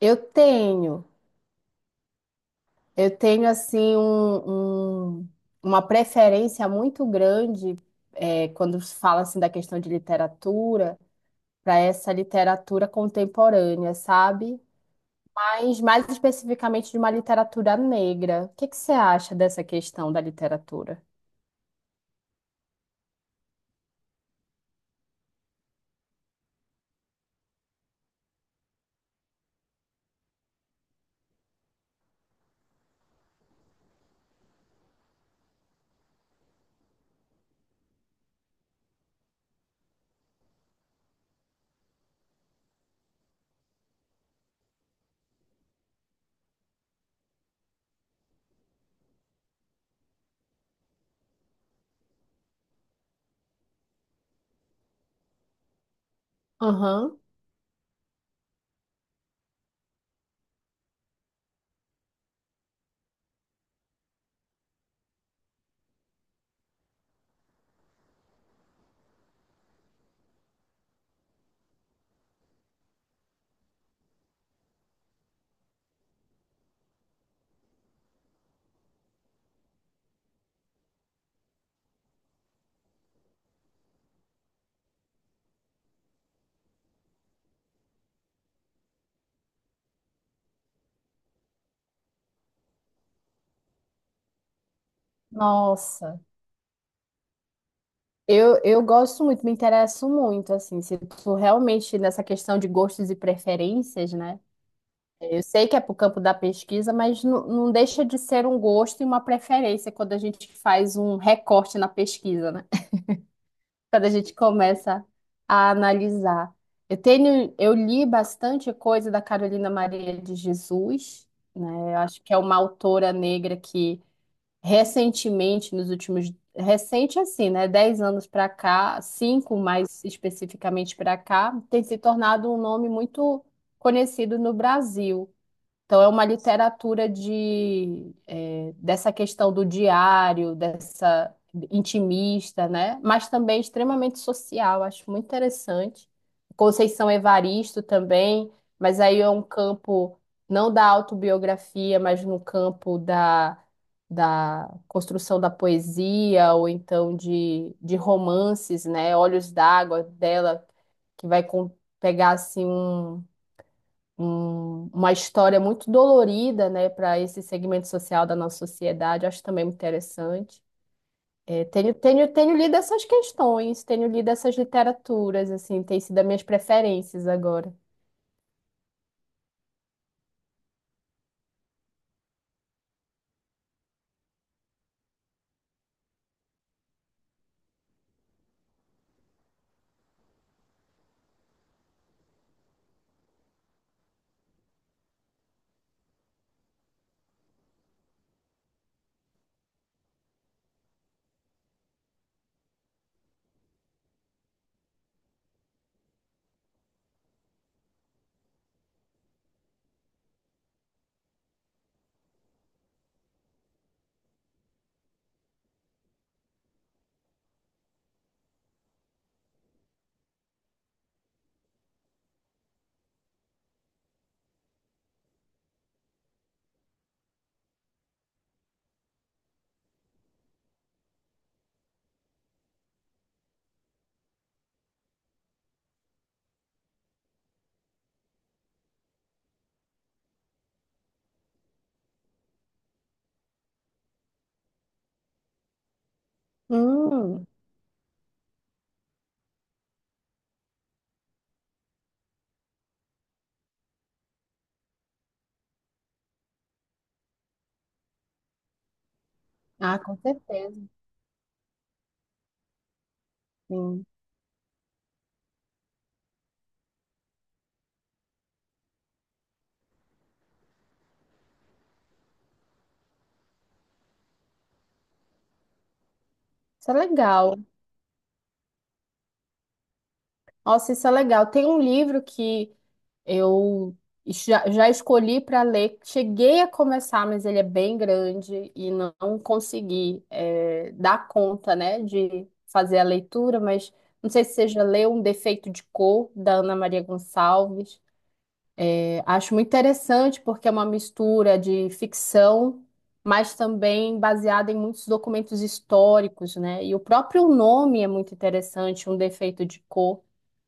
Eu tenho, eu tenho assim uma preferência muito grande quando se fala assim da questão de literatura para essa literatura contemporânea, sabe? Mas mais especificamente de uma literatura negra. O que que você acha dessa questão da literatura? Aham. Nossa, eu gosto muito, me interesso muito, assim, se tu realmente nessa questão de gostos e preferências, né? Eu sei que é para o campo da pesquisa, mas não deixa de ser um gosto e uma preferência quando a gente faz um recorte na pesquisa, né? Quando a gente começa a analisar. Eu tenho, eu li bastante coisa da Carolina Maria de Jesus, né? Eu acho que é uma autora negra que recentemente, nos últimos, recente assim, né? 10 anos para cá, 5 mais especificamente para cá, tem se tornado um nome muito conhecido no Brasil. Então, é uma literatura dessa questão do diário, dessa intimista, né? Mas também extremamente social, acho muito interessante. Conceição Evaristo também, mas aí é um campo não da autobiografia, mas no campo da construção da poesia, ou então de romances, né? Olhos d'Água dela, que pegar assim uma história muito dolorida, né, para esse segmento social da nossa sociedade. Acho também muito interessante. É, tenho lido essas questões, tenho lido essas literaturas, assim, tem sido as minhas preferências agora. Hum, ah, com certeza, sim. Isso é legal. Nossa, isso é legal. Tem um livro que eu já escolhi para ler, cheguei a começar, mas ele é bem grande e não consegui dar conta, né, de fazer a leitura, mas não sei se você já leu Um Defeito de Cor, da Ana Maria Gonçalves. Acho muito interessante porque é uma mistura de ficção, mas também baseada em muitos documentos históricos, né? E o próprio nome é muito interessante, Um Defeito de Cor.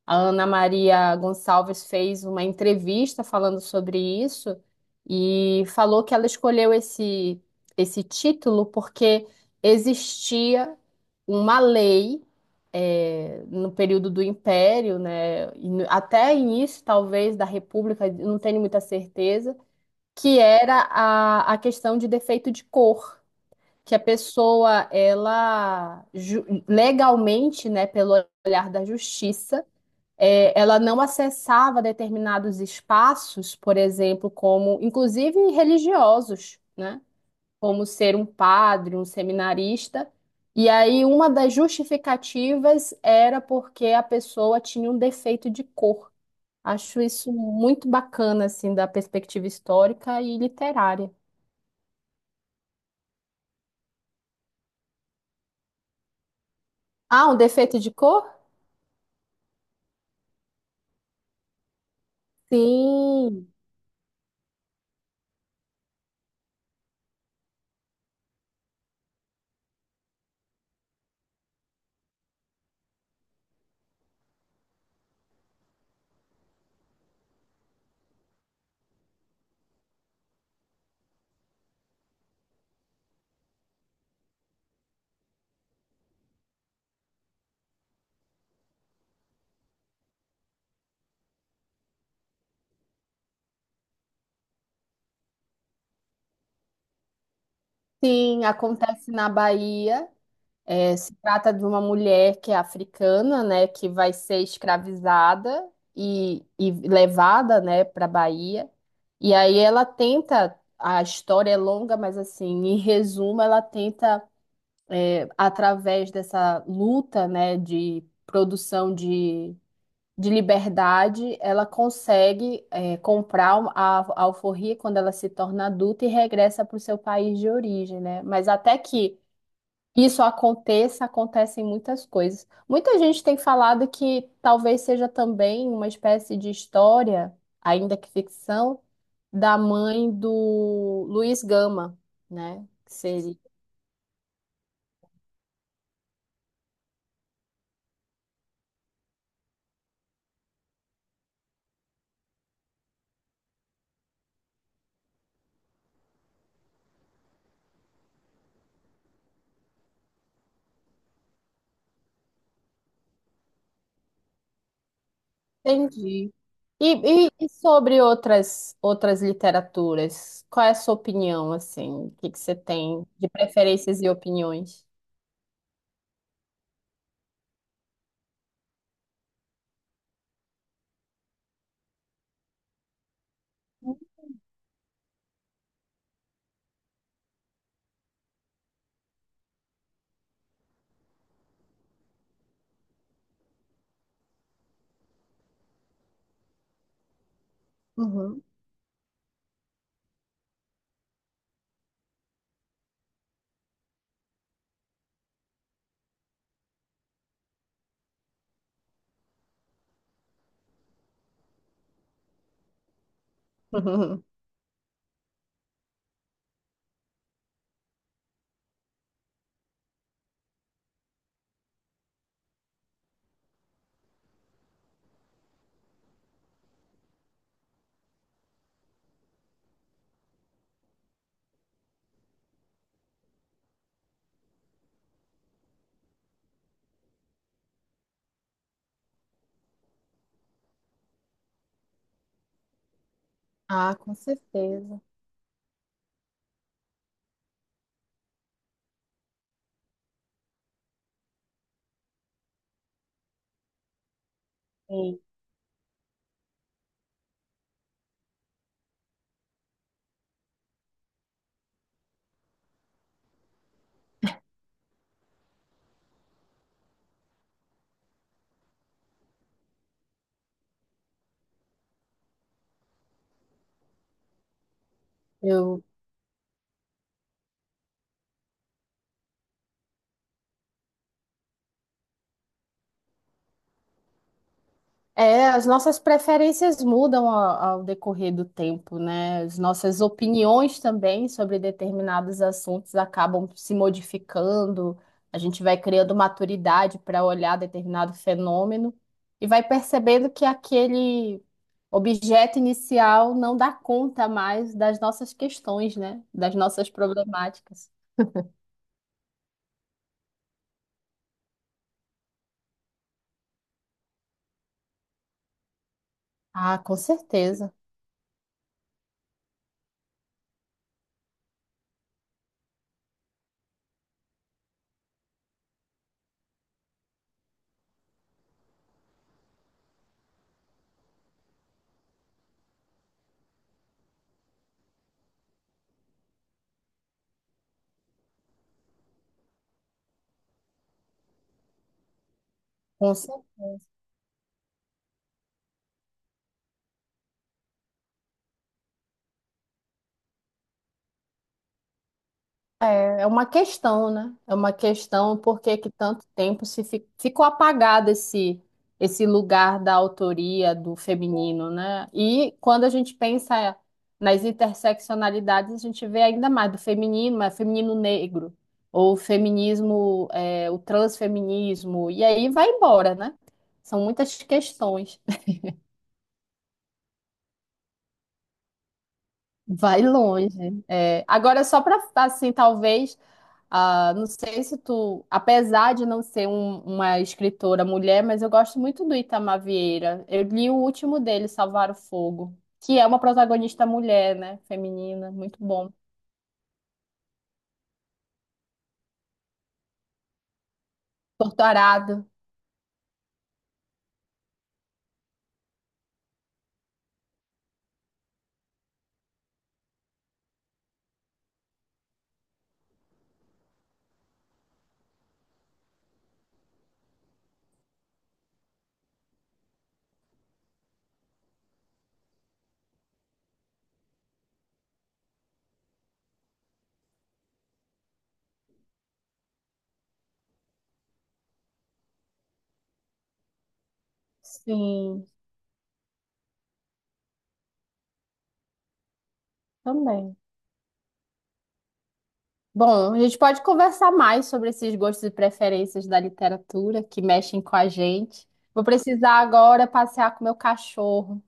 A Ana Maria Gonçalves fez uma entrevista falando sobre isso e falou que ela escolheu esse título porque existia uma lei no período do Império, né, e até início talvez da República, não tenho muita certeza, que era a questão de defeito de cor, que a pessoa ela legalmente, né, pelo olhar da justiça ela não acessava determinados espaços, por exemplo, como inclusive religiosos, né? Como ser um padre, um seminarista. E aí uma das justificativas era porque a pessoa tinha um defeito de cor. Acho isso muito bacana, assim, da perspectiva histórica e literária. Ah, um defeito de cor? Sim, sim, acontece na Bahia. É, se trata de uma mulher que é africana, né, que vai ser escravizada e levada, né, para Bahia. E aí ela tenta, a história é longa, mas assim, em resumo, ela tenta, através dessa luta, né, de liberdade, ela consegue, comprar a alforria quando ela se torna adulta e regressa para o seu país de origem, né? Mas até que isso aconteça, acontecem muitas coisas. Muita gente tem falado que talvez seja também uma espécie de história, ainda que ficção, da mãe do Luiz Gama, né? Que seria. Entendi. E, e sobre outras literaturas, qual é a sua opinião, assim? O que que você tem de preferências e opiniões? Uhum. Ah, com certeza. Sim. Eu é, as nossas preferências mudam ao decorrer do tempo, né? As nossas opiniões também sobre determinados assuntos acabam se modificando. A gente vai criando maturidade para olhar determinado fenômeno e vai percebendo que aquele objeto inicial não dá conta mais das nossas questões, né? Das nossas problemáticas. Ah, com certeza. Com certeza. É, é uma questão, né? É uma questão por que que tanto tempo se fi- ficou apagado esse lugar da autoria do feminino, né? E quando a gente pensa nas interseccionalidades, a gente vê ainda mais do feminino, mas feminino negro, ou feminismo, é, o transfeminismo, e aí vai embora, né? São muitas questões. Vai longe. É, agora, só para, assim, talvez. Ah, não sei se tu, apesar de não ser uma escritora mulher, mas eu gosto muito do Itamar Vieira. Eu li o último dele, Salvar o Fogo, que é uma protagonista mulher, né? Feminina, muito bom. Torturado. Sim, também. Bom, a gente pode conversar mais sobre esses gostos e preferências da literatura que mexem com a gente. Vou precisar agora passear com meu cachorro.